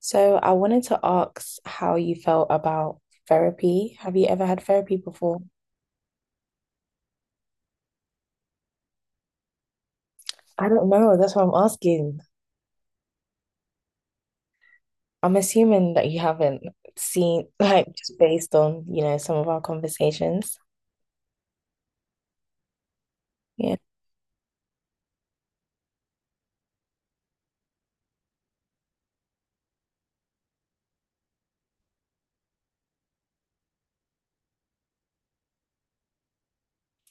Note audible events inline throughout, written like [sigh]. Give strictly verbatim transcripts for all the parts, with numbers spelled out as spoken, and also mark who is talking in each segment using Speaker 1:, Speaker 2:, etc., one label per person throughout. Speaker 1: So I wanted to ask how you felt about therapy. Have you ever had therapy before? I don't know. That's what I'm asking. I'm assuming that you haven't seen, [laughs] like, just based on, you know, some of our conversations. Yeah.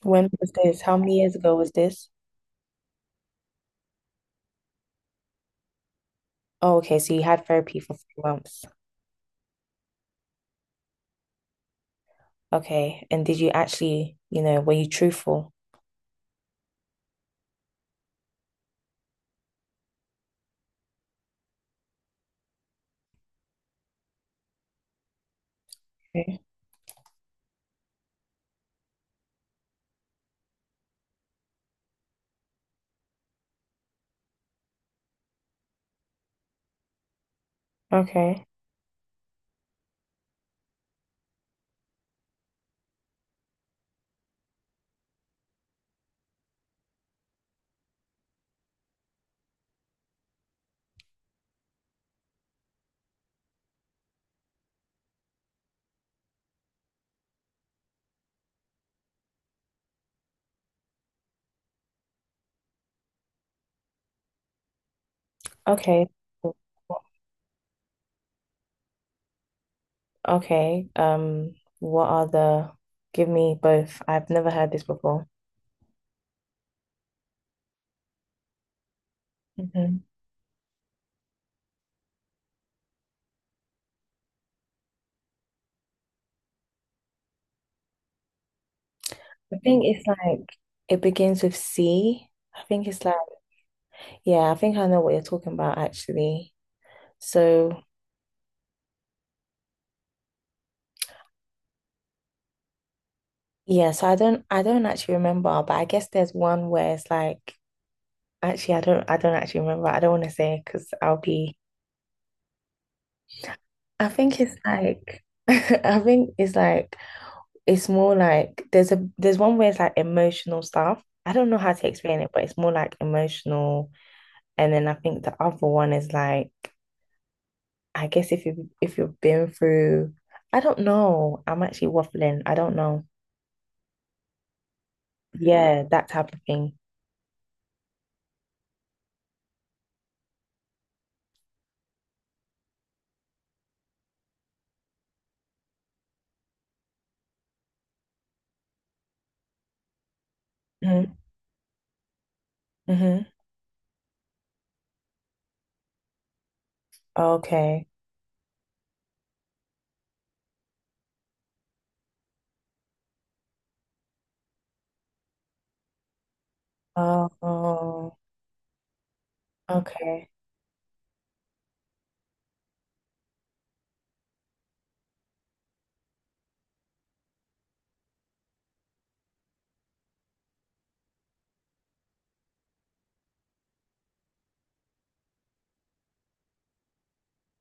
Speaker 1: When was this? How many years ago was this? Oh, okay. So you had therapy for three months. Okay. And did you actually, you know, were you truthful? Okay. Okay. Okay. Okay. Um, what are the, give me both. I've never heard this before. Mhm. I think it's like it begins with C. I think it's like yeah, I think I know what you're talking about actually. So yeah, so I don't I don't actually remember, but I guess there's one where it's like actually I don't I don't actually remember. I don't want to say because I'll be I think it's like [laughs] I think it's like it's more like there's a there's one where it's like emotional stuff. I don't know how to explain it, but it's more like emotional, and then I think the other one is like I guess if you if you've been through, I don't know. I'm actually waffling. I don't know. Yeah, that type of thing. Mm-hmm. Mm-hmm. Okay. Oh, oh, okay.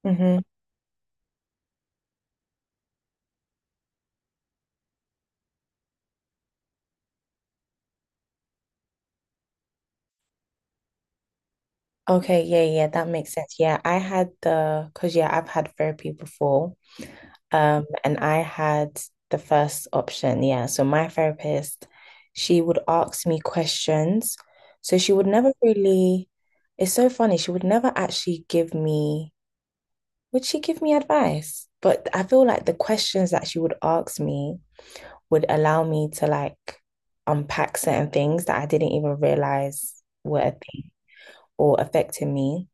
Speaker 1: Mm-hmm. Okay, yeah, yeah, that makes sense. Yeah, I had the because yeah, I've had therapy before. Um, and I had the first option. Yeah. So my therapist, she would ask me questions. So she would never really, it's so funny, she would never actually give me. Would she give me advice? But I feel like the questions that she would ask me would allow me to like unpack certain things that I didn't even realize were a thing or affecting me.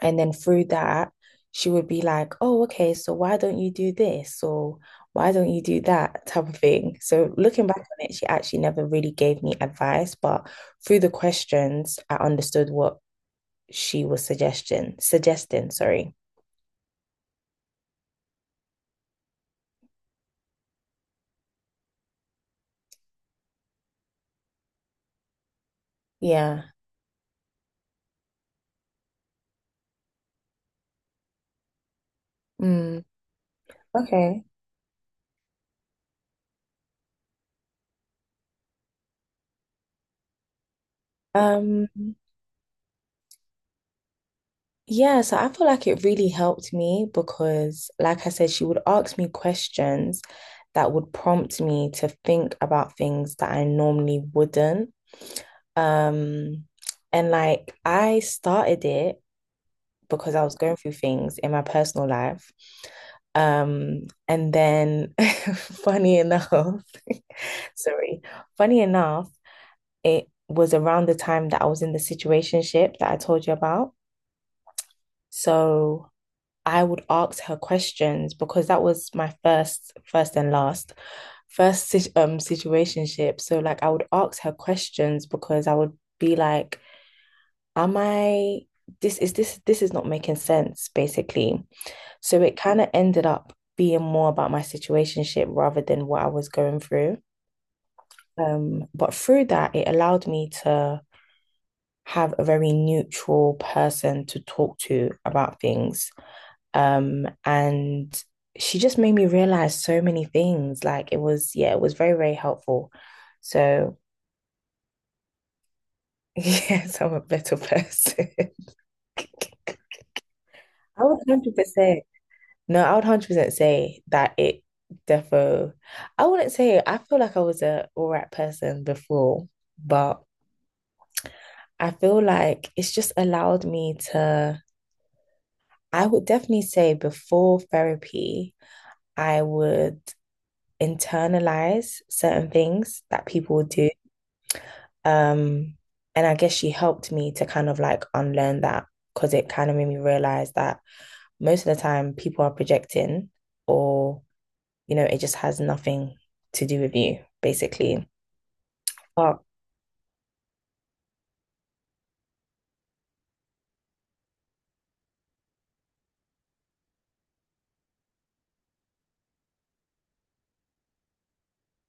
Speaker 1: And then through that, she would be like, oh, okay, so why don't you do this? Or why don't you do that type of thing? So looking back on it, she actually never really gave me advice, but through the questions, I understood what she was suggesting, suggesting, sorry. Yeah. Mm. Okay. Um, yeah, so I feel like it really helped me because, like I said, she would ask me questions that would prompt me to think about things that I normally wouldn't. Um, and like I started it because I was going through things in my personal life. Um, and then [laughs] funny enough, [laughs] sorry, funny enough, it was around the time that I was in the situationship that I told you about. So I would ask her questions because that was my first, first and last, first si, um situationship. So like I would ask her questions because I would be like, "Am I, this is this this is not making sense?" Basically, so it kind of ended up being more about my situationship rather than what I was going through. Um, but through that, it allowed me to have a very neutral person to talk to about things. Um, and she just made me realize so many things. Like it was, yeah, it was very, very helpful. So, [laughs] yes, I'm a better person. [laughs] I would one hundred percent. No, I would one hundred percent say that it defo. I wouldn't say. I feel like I was a all right person before, but I feel like it's just allowed me to. I would definitely say before therapy, I would internalize certain things that people would do. Um, and I guess she helped me to kind of like unlearn that because it kind of made me realize that most of the time people are projecting or, you know, it just has nothing to do with you, basically. But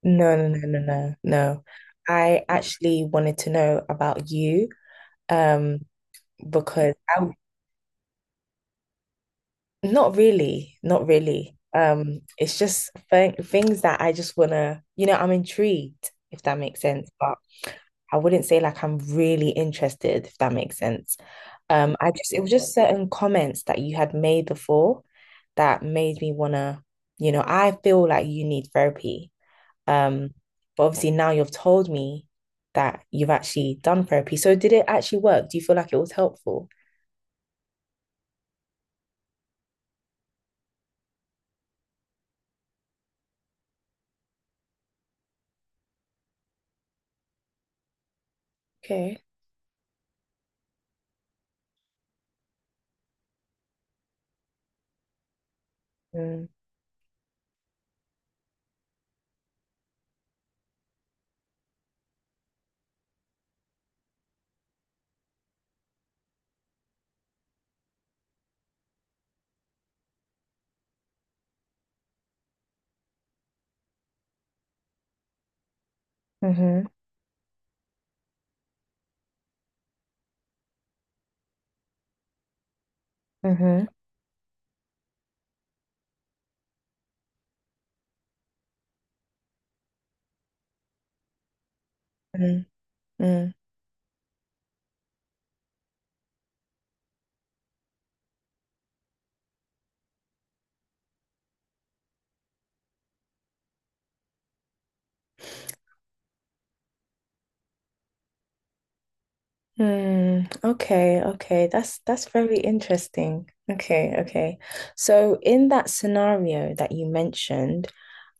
Speaker 1: no, no, no, no, no, no. I actually wanted to know about you, um, because I. Not really, not really. Um, it's just th things that I just wanna, you know, I'm intrigued, if that makes sense. But I wouldn't say like I'm really interested, if that makes sense. Um, I just it was just certain comments that you had made before that made me wanna, you know, I feel like you need therapy. Um, but obviously now you've told me that you've actually done therapy. So did it actually work? Do you feel like it was helpful? Okay. Mm. Mm-hmm. Mm-hmm. Mm-hmm. Mm-hmm. Hmm. Okay. Okay. That's that's very interesting. Okay. Okay. So in that scenario that you mentioned,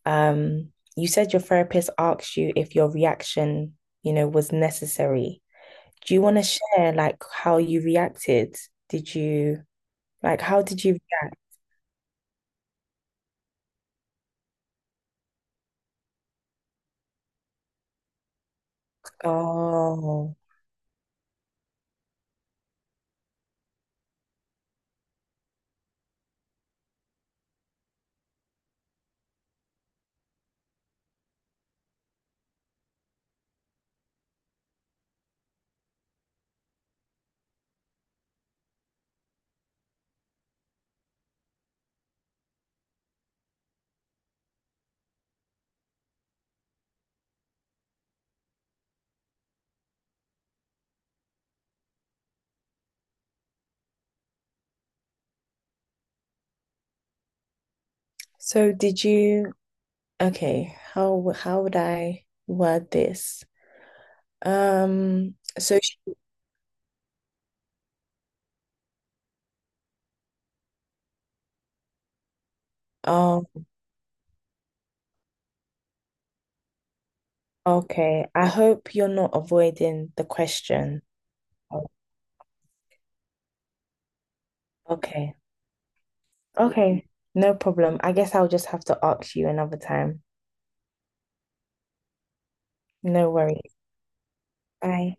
Speaker 1: um, you said your therapist asked you if your reaction, you know, was necessary. Do you want to share like how you reacted? Did you like how did you react? Oh, so did you? Okay. How how would I word this? Um. So she, oh. Okay, I hope you're not avoiding the question. Oh, okay, okay, no problem. I guess I'll just have to ask you another time. No worries. Bye.